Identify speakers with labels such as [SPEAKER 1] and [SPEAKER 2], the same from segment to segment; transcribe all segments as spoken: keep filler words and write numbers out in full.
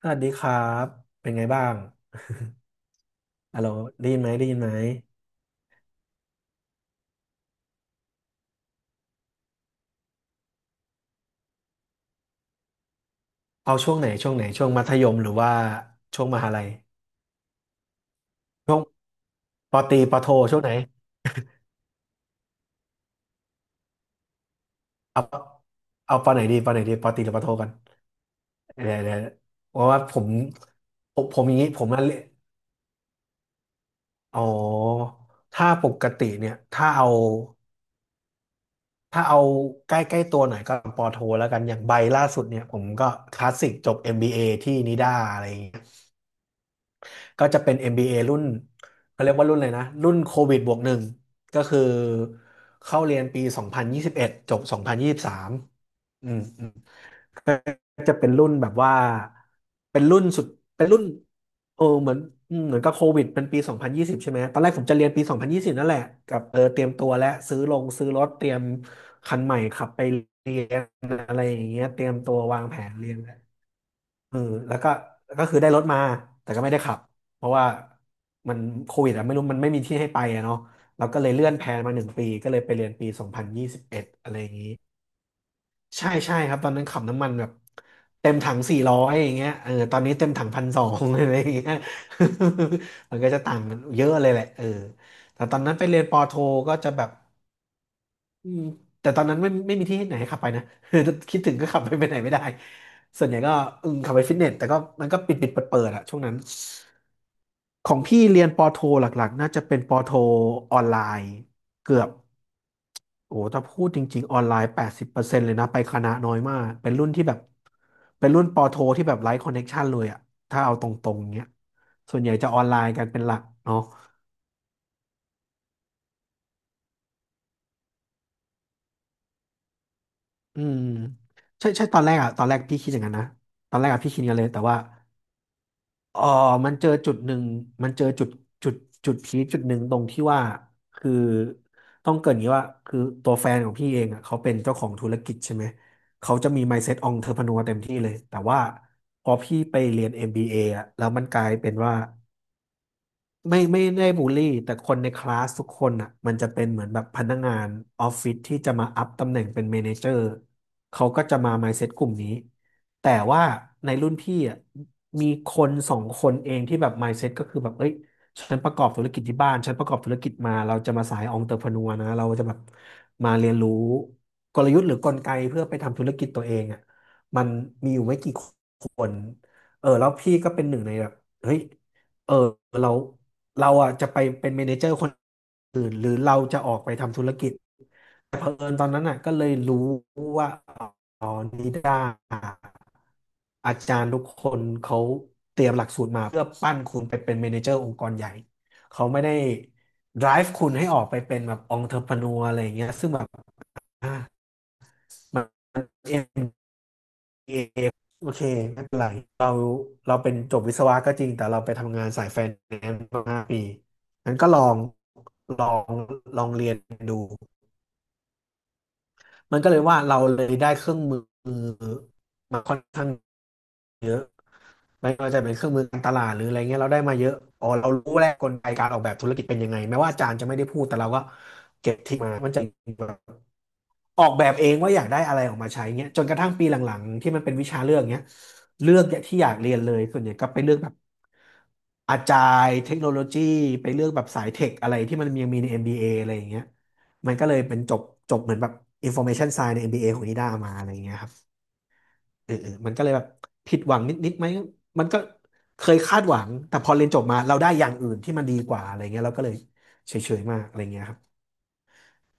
[SPEAKER 1] สวัสดีครับเป็นไงบ้างฮัลโหลได้ยินไหมได้ยินไหมเอาช่วงไหนช่วงไหนช่วงมัธยมหรือว่าช่วงมหาลัยปอตรีปอโทช่วงไหนเอาเอาปอไหนดีปอไหนดีปอตรีหรือปอโทกันเดี๋ยวเดี๋ยวเพราะว่าผมผมผมอย่างนี้ผมนั่นเลยอ๋อถ้าปกติเนี่ยถ้าเอาถ้าเอาใกล้ใกล้ตัวหน่อยก็ปอโทแล้วกันอย่างใบล่าสุดเนี่ยผมก็คลาสสิกจบเอ็มบีเอที่นิด้าอะไรอย่างเงี้ย ก็จะเป็น เอ็ม บี เอ รุ่นเขาเรียกว่ารุ่นเลยนะรุ่นโควิดบวกหนึ่งก็คือเข้าเรียนปีสองพันยี่สิบเอ็ดจบสองพันยี่สิบสามองพันยี่สิบสามอืมอืมก็จะเป็นรุ่นแบบว่าเป็นรุ่นสุดเป็นรุ่นเออเหมือนอืมเหมือนกับโควิดเป็นปีสองพันยี่สิบใช่ไหมตอนแรกผมจะเรียนปีสองพันยี่สิบนยี่สิบนั่นแหละกับเออเตรียมตัวและซื้อลงซื้อรถเตรียมคันใหม่ขับไปเรียนอะไรอย่างเงี้ยเตรียมตัววางแผนเรียนแล้ว เออแล้วก็ก็คือได้รถมาแต่ก็ไม่ได้ขับเพราะว่ามันโควิดอะไม่รู้มันไม่มีที่ให้ไปอะเนาะเราก็เลยเลื่อนแพลนมาหนึ่งปีก็เลยไปเรียนปีสองพันยี่สิบเอ็ดอะไรอย่างนี้ใช่ใช่ครับตอนนั้นขับน้ำมันแบบเต็มถังสี่ร้อยอย่างเงี้ยเออตอนนี้เต็มถังพันสองอะ ไรอย่างเงี้ย มันก็จะต่างกันเยอะเลยแหละเออแต่ตอนนั้นไปเรียนปอโทก็จะแบบ อืมแต่ตอนนั้นไม่ไม่มีที่ไหนให้ขับไปนะ คิดถึงก็ขับไปไปไหนไม่ได้ส่วนใหญ่ก็อืมขับไปฟิตเนสแต่ก็มันก็ปิดปิดเปิดเปิดอะช่วงนั้นของพี่เรียนปอโทหลักๆน่าจะเป็นปอโทออนไลน์เกือบโอ้ถ้าพูดจริงๆออนไลน์แปดสิบเปอร์เซ็นต์เลยนะไปคณะน้อยมากเป็นรุ่นที่แบบเป็นรุ่นปอโทที่แบบไร้คอนเน็กชันเลยอะถ้าเอาตรงๆเนี้ยส่วนใหญ่จะออนไลน์กันเป็นหลักเนาะอืมใช่ใช่ตอนแรกอะตอนแรกพี่คิดอย่างนั้นนะตอนแรกอะพี่คิดกันเลยแต่ว่า เออมันเจอจุดหนึ่ง มันเจอจุดจุดจุดพีคจุดหนึ่งตรงที่ว่าคือต้องเกรินอย่างนี้ว่าคือตัวแฟนของพี่เองอ่ะเขาเป็นเจ้าของธุรกิจใช่ไหมเขาจะมี mindset entrepreneur เต็มที่เลยแต่ว่าพอพี่ไปเรียน เอ็ม บี เอ อมบีเออ่ะแล้วมันกลายเป็นว่า ไม่ไม่ได้บูลลี่แต่คนในคลาสทุกคนอ่ะมันจะเป็นเหมือนแบบพนักงานออฟฟิศที่จะมาอัพตำแหน่งเป็นเมเนเจอร์เขาก็จะมา mindset กลุ่มนี้แต่ว่าในรุ่นพี่อ่ะมีคนสองคนเองที่แบบ mindset ก็คือแบบเอ้ยฉันประกอบธุรกิจที่บ้านฉันประกอบธุรกิจมาเราจะมาสายองเตอร์พนัวนะเราจะแบบมาเรียนรู้กลยุทธ์หรือกลไกเพื่อไปทำธุรกิจตัวเองอ่ะมันมีอยู่ไม่กี่คนเออแล้วพี่ก็เป็นหนึ่งในแบบเฮ้ย เออเราเราอ่ะจะไปเป็นเมเนเจอร์คนอื่นหรือเราจะออกไปทำธุรกิจแต่เผอิญตอนนั้นอ่ะก็เลยรู้ว่าอ๋อนิด้าอาจารย์ทุกคนเขาเตรียมหลักสูตรมาเพื่อปั้นคุณไปเป็นเมเนเจอร์องค์กรใหญ่เขาไม่ได้ drive คุณให้ออกไปเป็นแบบ entrepreneur อะไรอย่างเงี้ยซึ่งแบบอ่ะมัน เอโอเคไม่เป็นไรเราเราเป็นจบวิศวะก็จริงแต่เราไปทำงานสายไฟแนนซ์มาห้าปีงั้นก็ลองลองลองเรียนดูมันก็เลยว่าเราเลยได้เครื่องมือมาค่อนข้างเยอะไม่ว่าจะเป็นเครื่องมือการตลาดหรืออะไรเงี้ยเราได้มาเยอะอ๋อเรารู้แล้วกลไกการออกแบบธุรกิจเป็นยังไงแม้ว่าอาจารย์จะไม่ได้พูดแต่เราก็เก็บทริคมามันจะ ออกแบบเองว่าอยากได้อะไรออกมาใช้เงี้ยจนกระทั่งปีหลังๆที่มันเป็นวิชาเลือกเงี้ยเลือกเนี่ยที่อยากเรียนเลยส่วนใหญ่ก็ไปเลือกแบบอาจารย์เทคโนโลยีไปเลือกแบบสายเทคอะไรที่มันยังมีใน เอ็ม บี เอ อมบีเออะไรอย่างเงี้ยมันก็เลยเป็นจบจบเหมือนแบบ Information Science ในเอ็มบีเอของนิด้ามาอะไรอย่างเงี้ยครับเออเออมันก็เลยแบบผิดหวังนิดๆไหมมันก็เคยคาดหวังแต่พอเรียนจบมาเราได้อย่างอื่นที่มันดีกว่าอะไรเงี้ยเราก็เลยเฉยๆมากอะไรเงี้ยครับ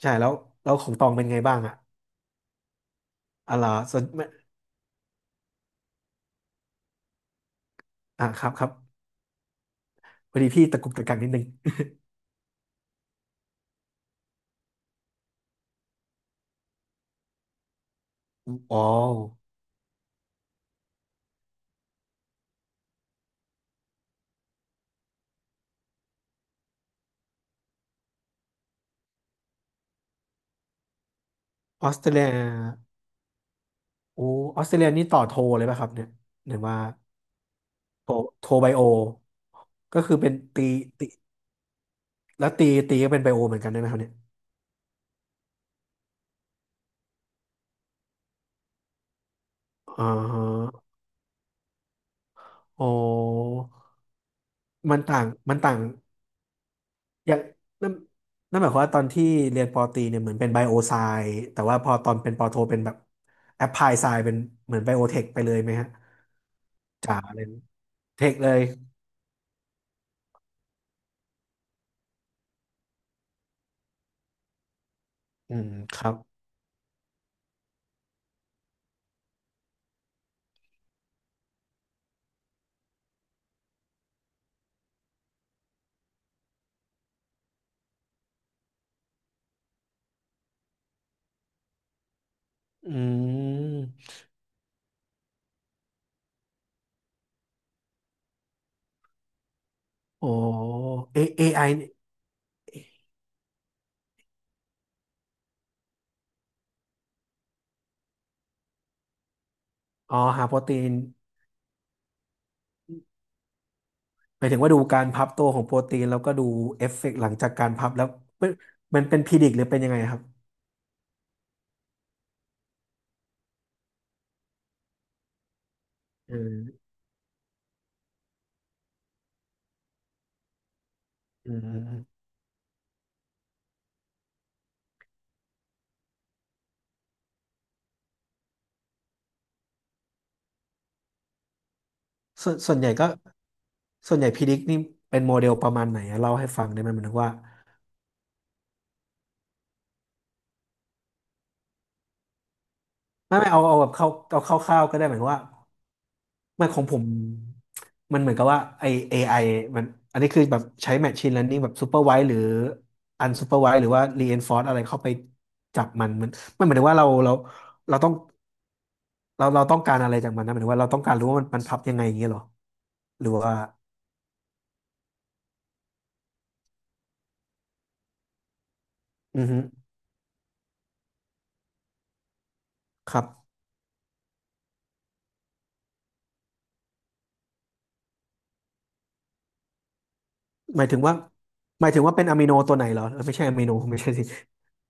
[SPEAKER 1] ใช่แล้วแล้วของตองเป็นไงบ้างอะอะไรส่วน อ่าครับครับพอดีพี่ตะกุกตะกักนิดนึงอ๋อออสเตรเลียโอ้ออสเตรเลียนี่ต่อโทเลยป่ะครับเนี่ยหรือว่าโทโทไบโอก็คือเป็นตีตีแล้วตีตีก็เป็นไบโอเหมือนกันได้ไหมครับเนี่ยอ๋อโอ้มันต่างมันต่างอย่างนั่นนั่นหมายความว่าตอนที่เรียนปอตรีเนี่ยเหมือนเป็นไบโอไซแต่ว่าพอตอนเป็นปอโทเป็นแบบแอปพลายไซเป็นเหมือนไบโอเทคไปเลยไหมฮะจ๋าเลยเทคเลยอืมครับอืม โอ้เอ เอ ไอ เนี่ยอ๋อหาโปรตีนหมายถึงว่าดูการพับตัวของโปรตีนแล้วก็ดูเอฟเฟกต์หลังจากการพับแล้วเป็นมันเป็นพิดิกหรือเป็นยังไงครับอืมอืมส่วนส่วนใหญ่ก็ส่วนใหญ่พิดิกนี่เป็นโมเดลประมาณไหนอะเล่าให้ฟังได้ไหมหมายถึงว่าไม่ไม่เอาเอาแบบเข้าเอาคร่าวๆก็ได้หมายถึงว่า ไม่ของผมมันเหมือนกับว่าไอ เอ ไอ มันอันนี้คือแบบใช้ Machine Learning แบบ Supervised หรือ Unsupervised หรือว่า Reinforce อะไรเข้าไปจับมันมันมันหมายถึงว่าเราเราเราต้องเราเราต้องการอะไรจากมันนะหมายถึงว่าเราต้องการรู้ว่ามันมันพับยังไงอย่างเงี้ยเหรอหรือว่าอือฮึครับหมายถึงว่าหมายถึงว่าเป็นอะมิโนตัวไหนเหรอเออไม่ใช่อะมิโนไม่ใช่สิ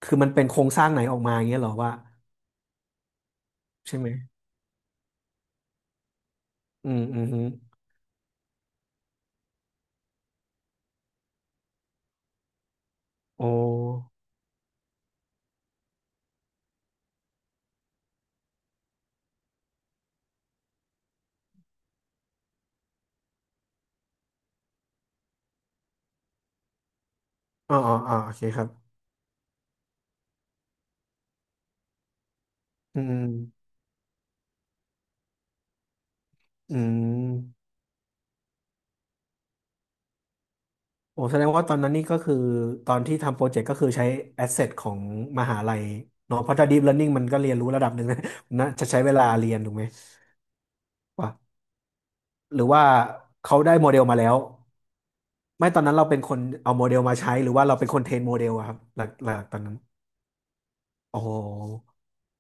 [SPEAKER 1] คือมันเป็นโครงสร้างไหนออกมาอย่างเงี้ยเหรอว่าใช่ไหมอืมอืมอมโอ้อ๋ออ๋ออ๋อโอเคครับอืมอืม โอ้แสดงว่าตอนนั้นนี่ก็คือตอนที่ทำโปรเจกต์ก็คือใช้แอสเซทของมหาลัยเนาะเพราะถ้า deep learning มันก็เรียนรู้ระดับหนึ่ง นะนะจะใช้เวลาเรียนถูกไหมวะหรือว่าเขาได้โมเดลมาแล้วไม่ตอนนั้นเราเป็นคนเอาโมเดลมาใช้หรือว่าเราเป็นคนเทรนโมเดลอะครับหลักหลักตอนนั้นโอ้โห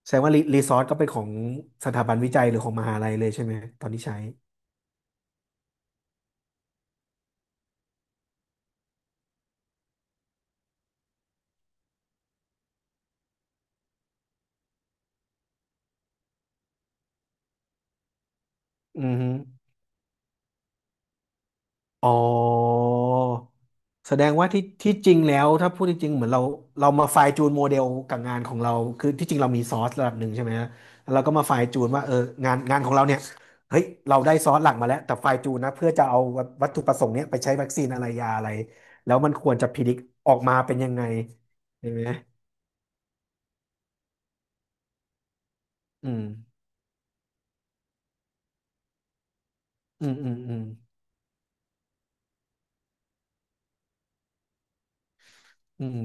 [SPEAKER 1] แสดงว่ารีซอสก็เป็นของสถาบันวิจัยหรือของมหาลัยเลยใช่ไหมตอนที่ใช้อือฮึอ๋อ แสดงว่าที่ที่จริงแล้วถ้าพูดจริงๆเหมือนเราเรามาไฟล์จูนโมเดลกับงานของเราคือที่จริงเรามีซอสระดับหนึ่งใช่ไหมฮะแล้วเราก็มาไฟล์จูนว่าเอองานงานของเราเนี่ยเฮ้ยเราได้ซอสหลักมาแล้วแต่ไฟล์จูนนะเพื่อจะเอาวัตวัตถุประสงค์เนี้ยไปใช้วัคซีนอะไรยาอะไรแล้วมันควรจะพิดิกออกมาเป็นยังไงใช่ไหมอืมอืมอืมอืมอืม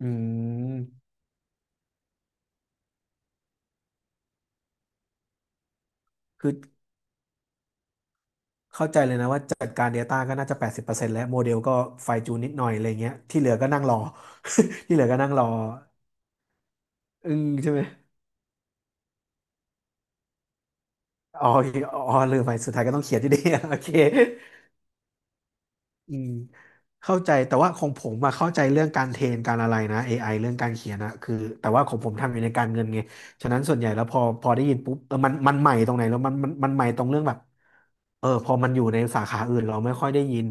[SPEAKER 1] อืมคือเข้าใจเลยนะว่าจัดการ Data ก็น่าจะแปดสิบเปอร์เซ็นต์แล้วโมเดลก็ไฟจูนนิดหน่อยอะไรเงี้ยที่เหลือก็นั่งรอ ที่เหลือก็นั่งรอ อึ้งใช่ไหม อ๋อออ๋อลืมไปสุดท้ายก็ต้องเขียนอยู่ดี โอเค อืมเข้าใจแต่ว่าของผมอะเข้าใจเรื่องการเทรนการอะไรนะ เอ ไอ เรื่องการเขียนอะคือแต่ว่าของผมทำอยู่ในการเงินไงฉะนั้นส่วนใหญ่แล้วพอพอได้ยินปุ๊บเออมันมันใหม่ตรงไหนแล้วมันมันมันใหม่ตรงเรื่องแบบเออพอมันอยู่ในสาขาอื่นเราไม่ค่อยได้ยิน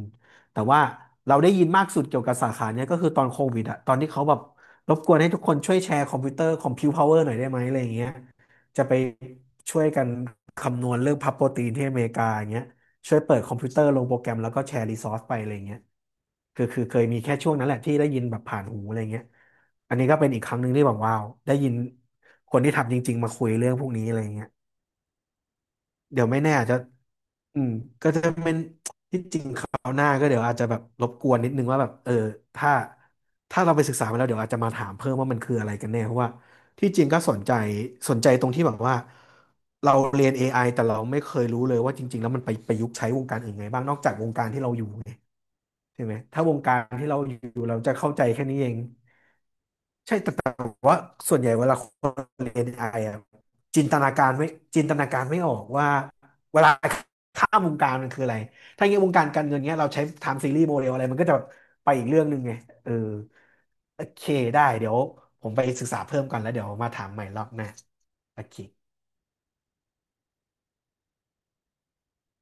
[SPEAKER 1] แต่ว่าเราได้ยินมากสุดเกี่ยวกับสาขาเนี้ยก็คือตอนโควิดอะตอนที่เขาแบบรบกวนให้ทุกคนช่วยแชร์คอมพิวเตอร์คอมพิวพาวเวอร์หน่อยได้ไหมอะไรอย่างเงี้ยจะไปช่วยกันคำนวณเรื่องพับโปรตีนที่อเมริกาอย่างเงี้ย ช่วยเปิดคอมพิวเตอร์ลงโปรแกรมแล้วก็แชร์รีซอสไปอะไรเงี้ยคือคือเคยมีแค่ช่วงนั้นแหละที่ได้ยินแบบผ่านหูอะไรเงี้ยอันนี้ก็เป็นอีกครั้งหนึ่งที่แบบว้าวได้ยินคนที่ทำจริงๆมาคุยเรื่องพวกนี้อะไรเงี้ย เดี๋ยวไม่แน่อาจจะ อืมก็จะเป็นที่จริงคราวหน้าก็เดี๋ยวอาจจะแบบรบกวนนิดนึงว่าแบบเออถ้าถ้าเราไปศึกษามาแล้วเดี๋ยวอาจจะมาถามเพิ่มว่ามันคืออะไรกันแน่เพราะว่าที่จริงก็สนใจสนใจตรงที่แบบว่าเราเรียน เอ ไอ แต่เราไม่เคยรู้เลยว่าจริงๆแล้วมันไปประยุกต์ใช้วงการอื่นไงบ้างนอกจากวงการที่เราอยู่ไงใช่ไหมถ้าวงการที่เราอยู่เราจะเข้าใจแค่นี้เอง ว่าส่วนใหญ่เวลาคนเรียน เอ ไอ อไออะจินตนาการไม่จินตนาการไม่ออกว่าเวลาข้ามวงการมันคืออะไรถ้าอย่างเงี้ยวงการการเงินเงี้ยเราใช้ไทม์ซีรีส์โมเดลอะไรมันก็จะไปอีกเรื่องหนึ่งไงเออโอเคได้เดี๋ยวผมไปศึกษาเพิ่มก่อนแล้วเดี๋ยวมาถามใหม่รอบหน้าโอเค